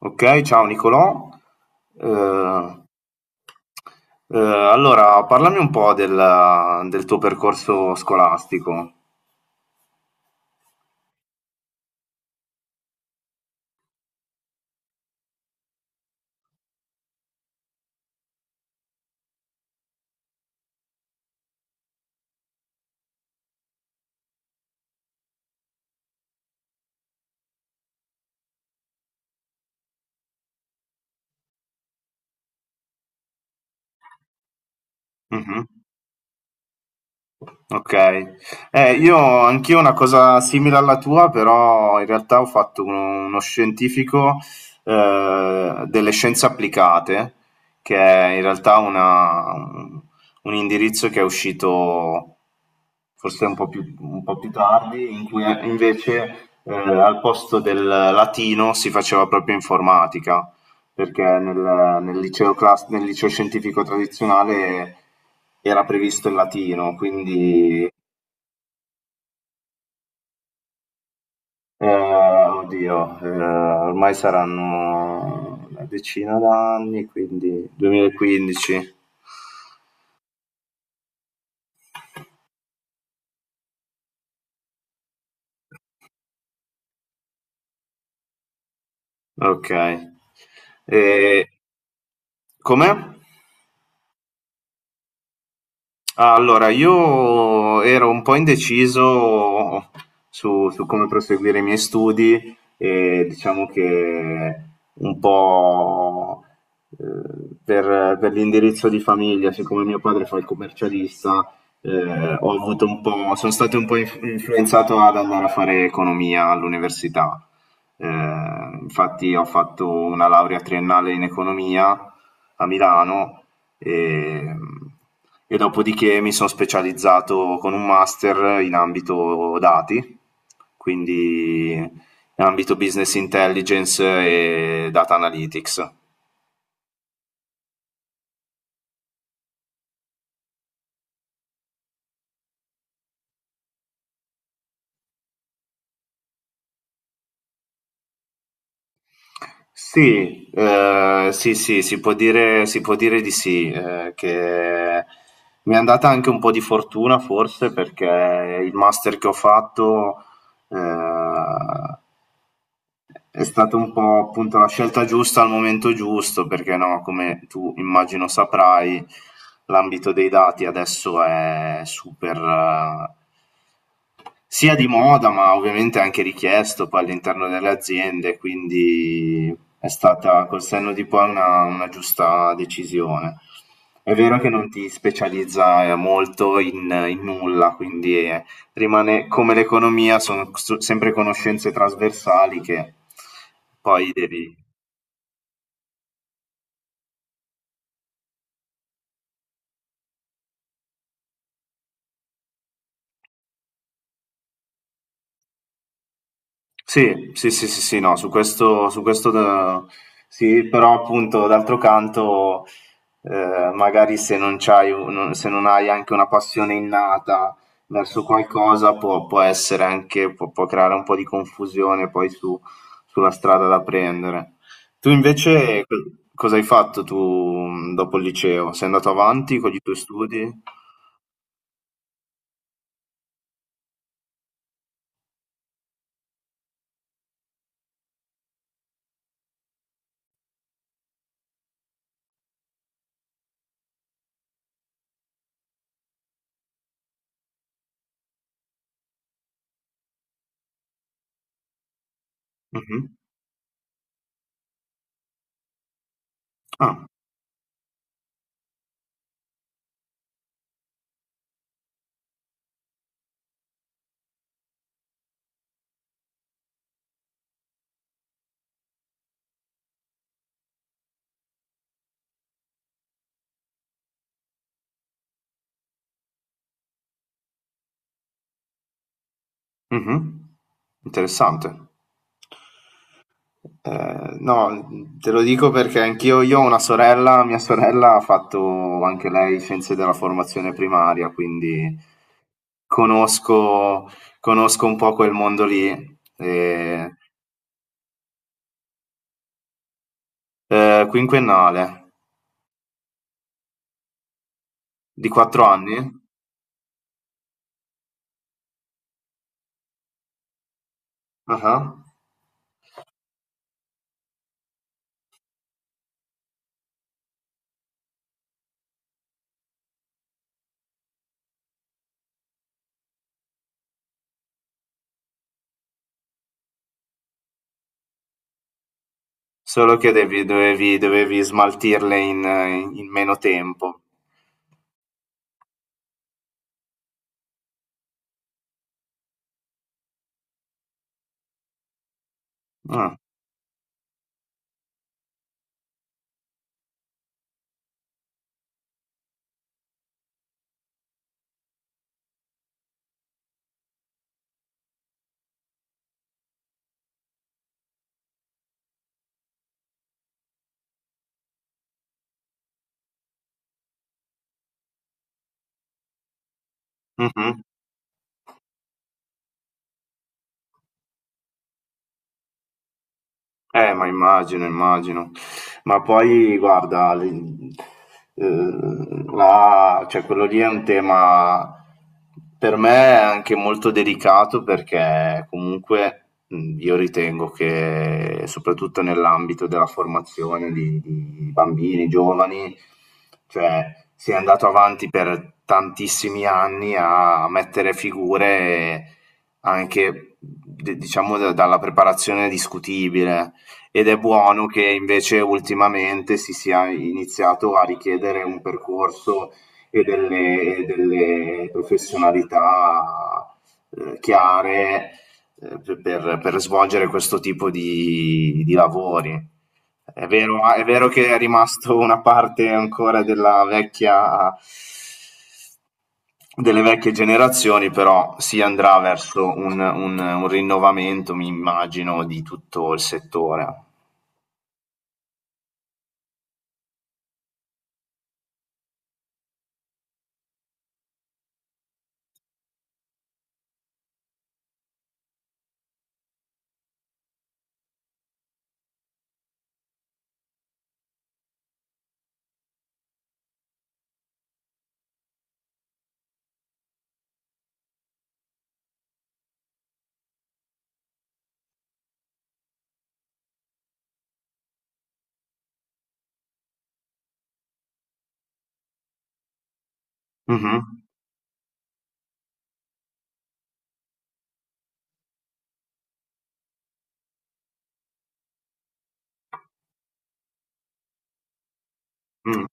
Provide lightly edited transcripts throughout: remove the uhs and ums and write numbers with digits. Ok, ciao Nicolò. Eh, allora, parlami un po' del tuo percorso scolastico. Mhm. Okay. Io anch'io una cosa simile alla tua, però in realtà ho fatto uno scientifico, delle scienze applicate, che è in realtà una un indirizzo che è uscito forse un po' più tardi, in cui invece, al posto del latino si faceva proprio informatica perché nel nel liceo scientifico tradizionale era previsto il latino, quindi oddio, ormai saranno una decina d'anni, quindi 2015. Ok. E, com'è? Allora, io ero un po' indeciso su come proseguire i miei studi e diciamo che un po' per l'indirizzo di famiglia, siccome mio padre fa il commercialista, ho avuto un po', sono stato un po' influenzato ad andare a fare economia all'università. Eh, Infatti ho fatto una laurea triennale in economia a Milano e, e dopodiché mi sono specializzato con un master in ambito dati, quindi in ambito business intelligence e data analytics. Sì, sì, sì, si può dire di sì, che mi è andata anche un po' di fortuna forse perché il master che ho fatto eh, è stata un po' appunto la scelta giusta al momento giusto, perché no, come tu immagino saprai, l'ambito dei dati adesso è super, sia di moda, ma ovviamente anche richiesto poi all'interno delle aziende, quindi è stata col senno di poi una giusta decisione. È vero che non ti specializza molto in, in nulla, quindi rimane come l'economia, sono sempre conoscenze trasversali che poi devi. Sì, sì, sì, sì, sì, no, su questo sì, però appunto d'altro canto, magari se non hai anche una passione innata verso qualcosa, può, può essere anche, può, può creare un po' di confusione poi sulla strada da prendere. Tu invece cosa hai fatto tu dopo il liceo? Sei andato avanti con i tuoi studi? Mhm. Ah, mhm. Interessante. No, te lo dico perché anch'io io ho una sorella, mia sorella ha fatto anche lei scienze della formazione primaria, quindi conosco, conosco un po' quel mondo lì. E, quinquennale di quattro anni. Ah. Solo che dovevi, dovevi smaltirle in, in meno tempo. Ah, mhm. Ma immagino, immagino. Ma poi guarda, cioè, quello lì è un tema per me è anche molto delicato perché comunque io ritengo che soprattutto nell'ambito della formazione di bambini, giovani, cioè si è andato avanti per tantissimi anni a mettere figure anche diciamo dalla preparazione discutibile ed è buono che invece ultimamente si sia iniziato a richiedere un percorso e delle professionalità chiare per svolgere questo tipo di lavori. È vero che è rimasto una parte ancora della vecchia, delle vecchie generazioni, però si andrà verso un, un rinnovamento, mi immagino, di tutto il settore. Mhm, mm.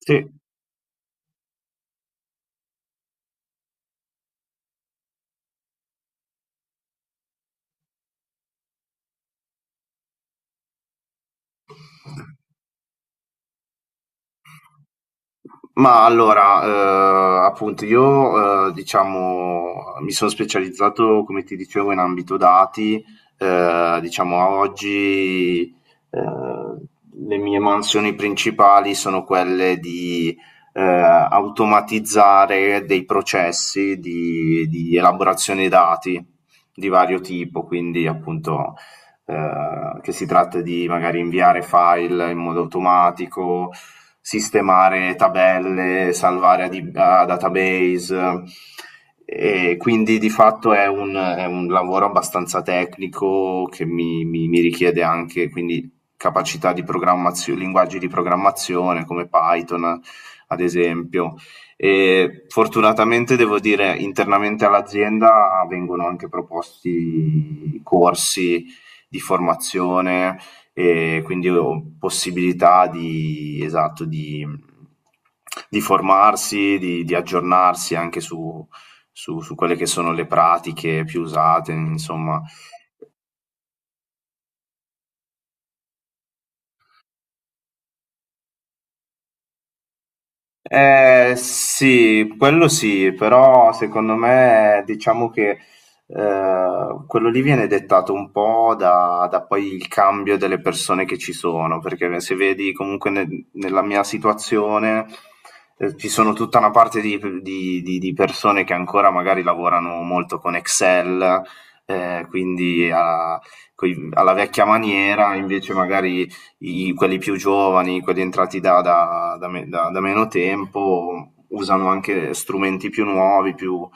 Sì, ma allora, appunto io, diciamo, mi sono specializzato, come ti dicevo, in ambito dati. Diciamo a oggi, ehm, le mie mansioni principali sono quelle di, automatizzare dei processi di elaborazione dati di vario tipo, quindi appunto che si tratta di magari inviare file in modo automatico, sistemare tabelle, salvare a database. E quindi di fatto è un lavoro abbastanza tecnico che mi richiede anche quindi capacità di programmazione, linguaggi di programmazione come Python, ad esempio. E fortunatamente devo dire internamente all'azienda vengono anche proposti corsi di formazione e quindi ho possibilità di, esatto, di formarsi, di aggiornarsi anche su quelle che sono le pratiche più usate, insomma. Sì, quello sì, però secondo me diciamo che eh, quello lì viene dettato un po' da poi il cambio delle persone che ci sono, perché se vedi comunque nella mia situazione ci sono tutta una parte di, di persone che ancora magari lavorano molto con Excel, quindi alla vecchia maniera, invece magari quelli più giovani, quelli entrati da meno tempo, usano anche strumenti più nuovi, più,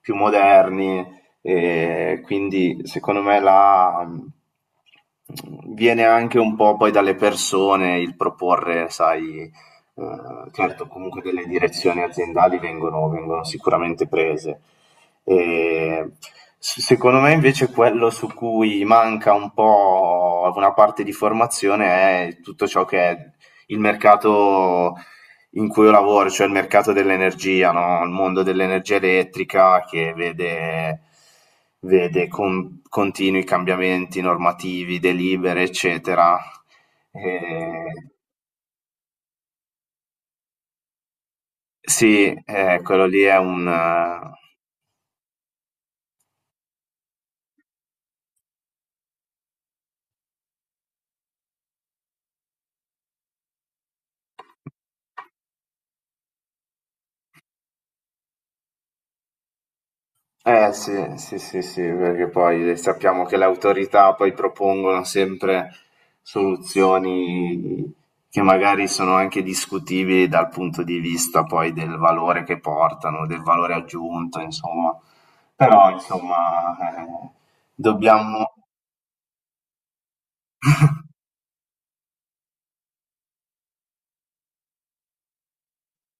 più moderni, e quindi secondo me la, viene anche un po' poi dalle persone il proporre, sai. Certo, comunque delle direzioni aziendali vengono sicuramente prese. Ehm, s Secondo me invece quello su cui manca un po' una parte di formazione è tutto ciò che è il mercato in cui io lavoro, cioè il mercato dell'energia, no, il mondo dell'energia elettrica che vede con continui cambiamenti normativi, delibere, eccetera. Ehm. Sì, quello lì è un... sì, sì, sì, sì, perché poi sappiamo che le autorità poi propongono sempre soluzioni che magari sono anche discutibili dal punto di vista poi del valore che portano, del valore aggiunto, insomma. Però, insomma, dobbiamo.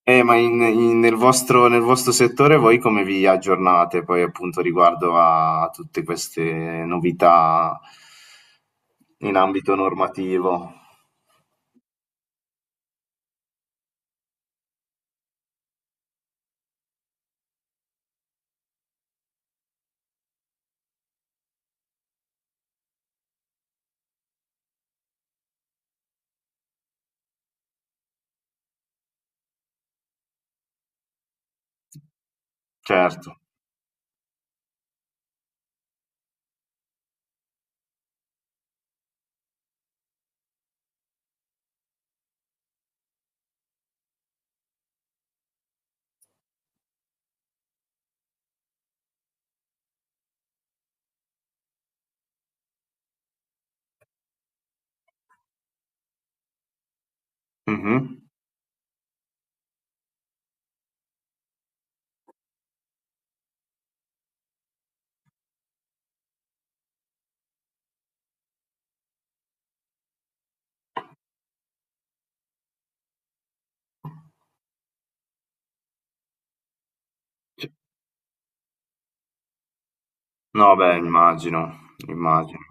Ma in in nel vostro settore voi come vi aggiornate poi appunto riguardo a tutte queste novità in ambito normativo? Certo. Mh-mh. No, beh, immagino, immagino.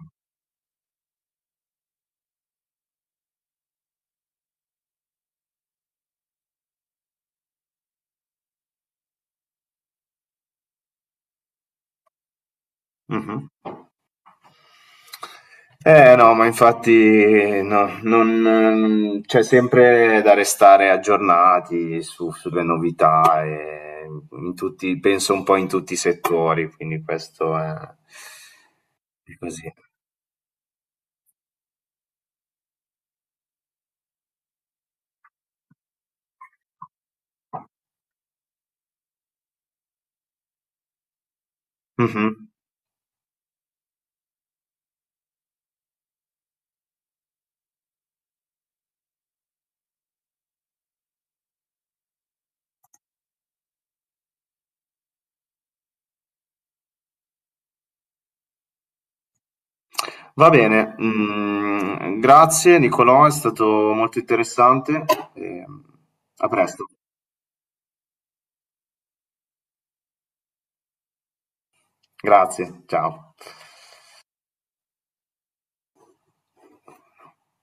Mh-mh. No, ma infatti no, non c'è sempre da restare aggiornati su sulle novità, in tutti penso un po' in tutti i settori, quindi questo è. E così. Mhm. Va bene, mm, grazie Nicolò, è stato molto interessante. E, a presto, grazie, ciao.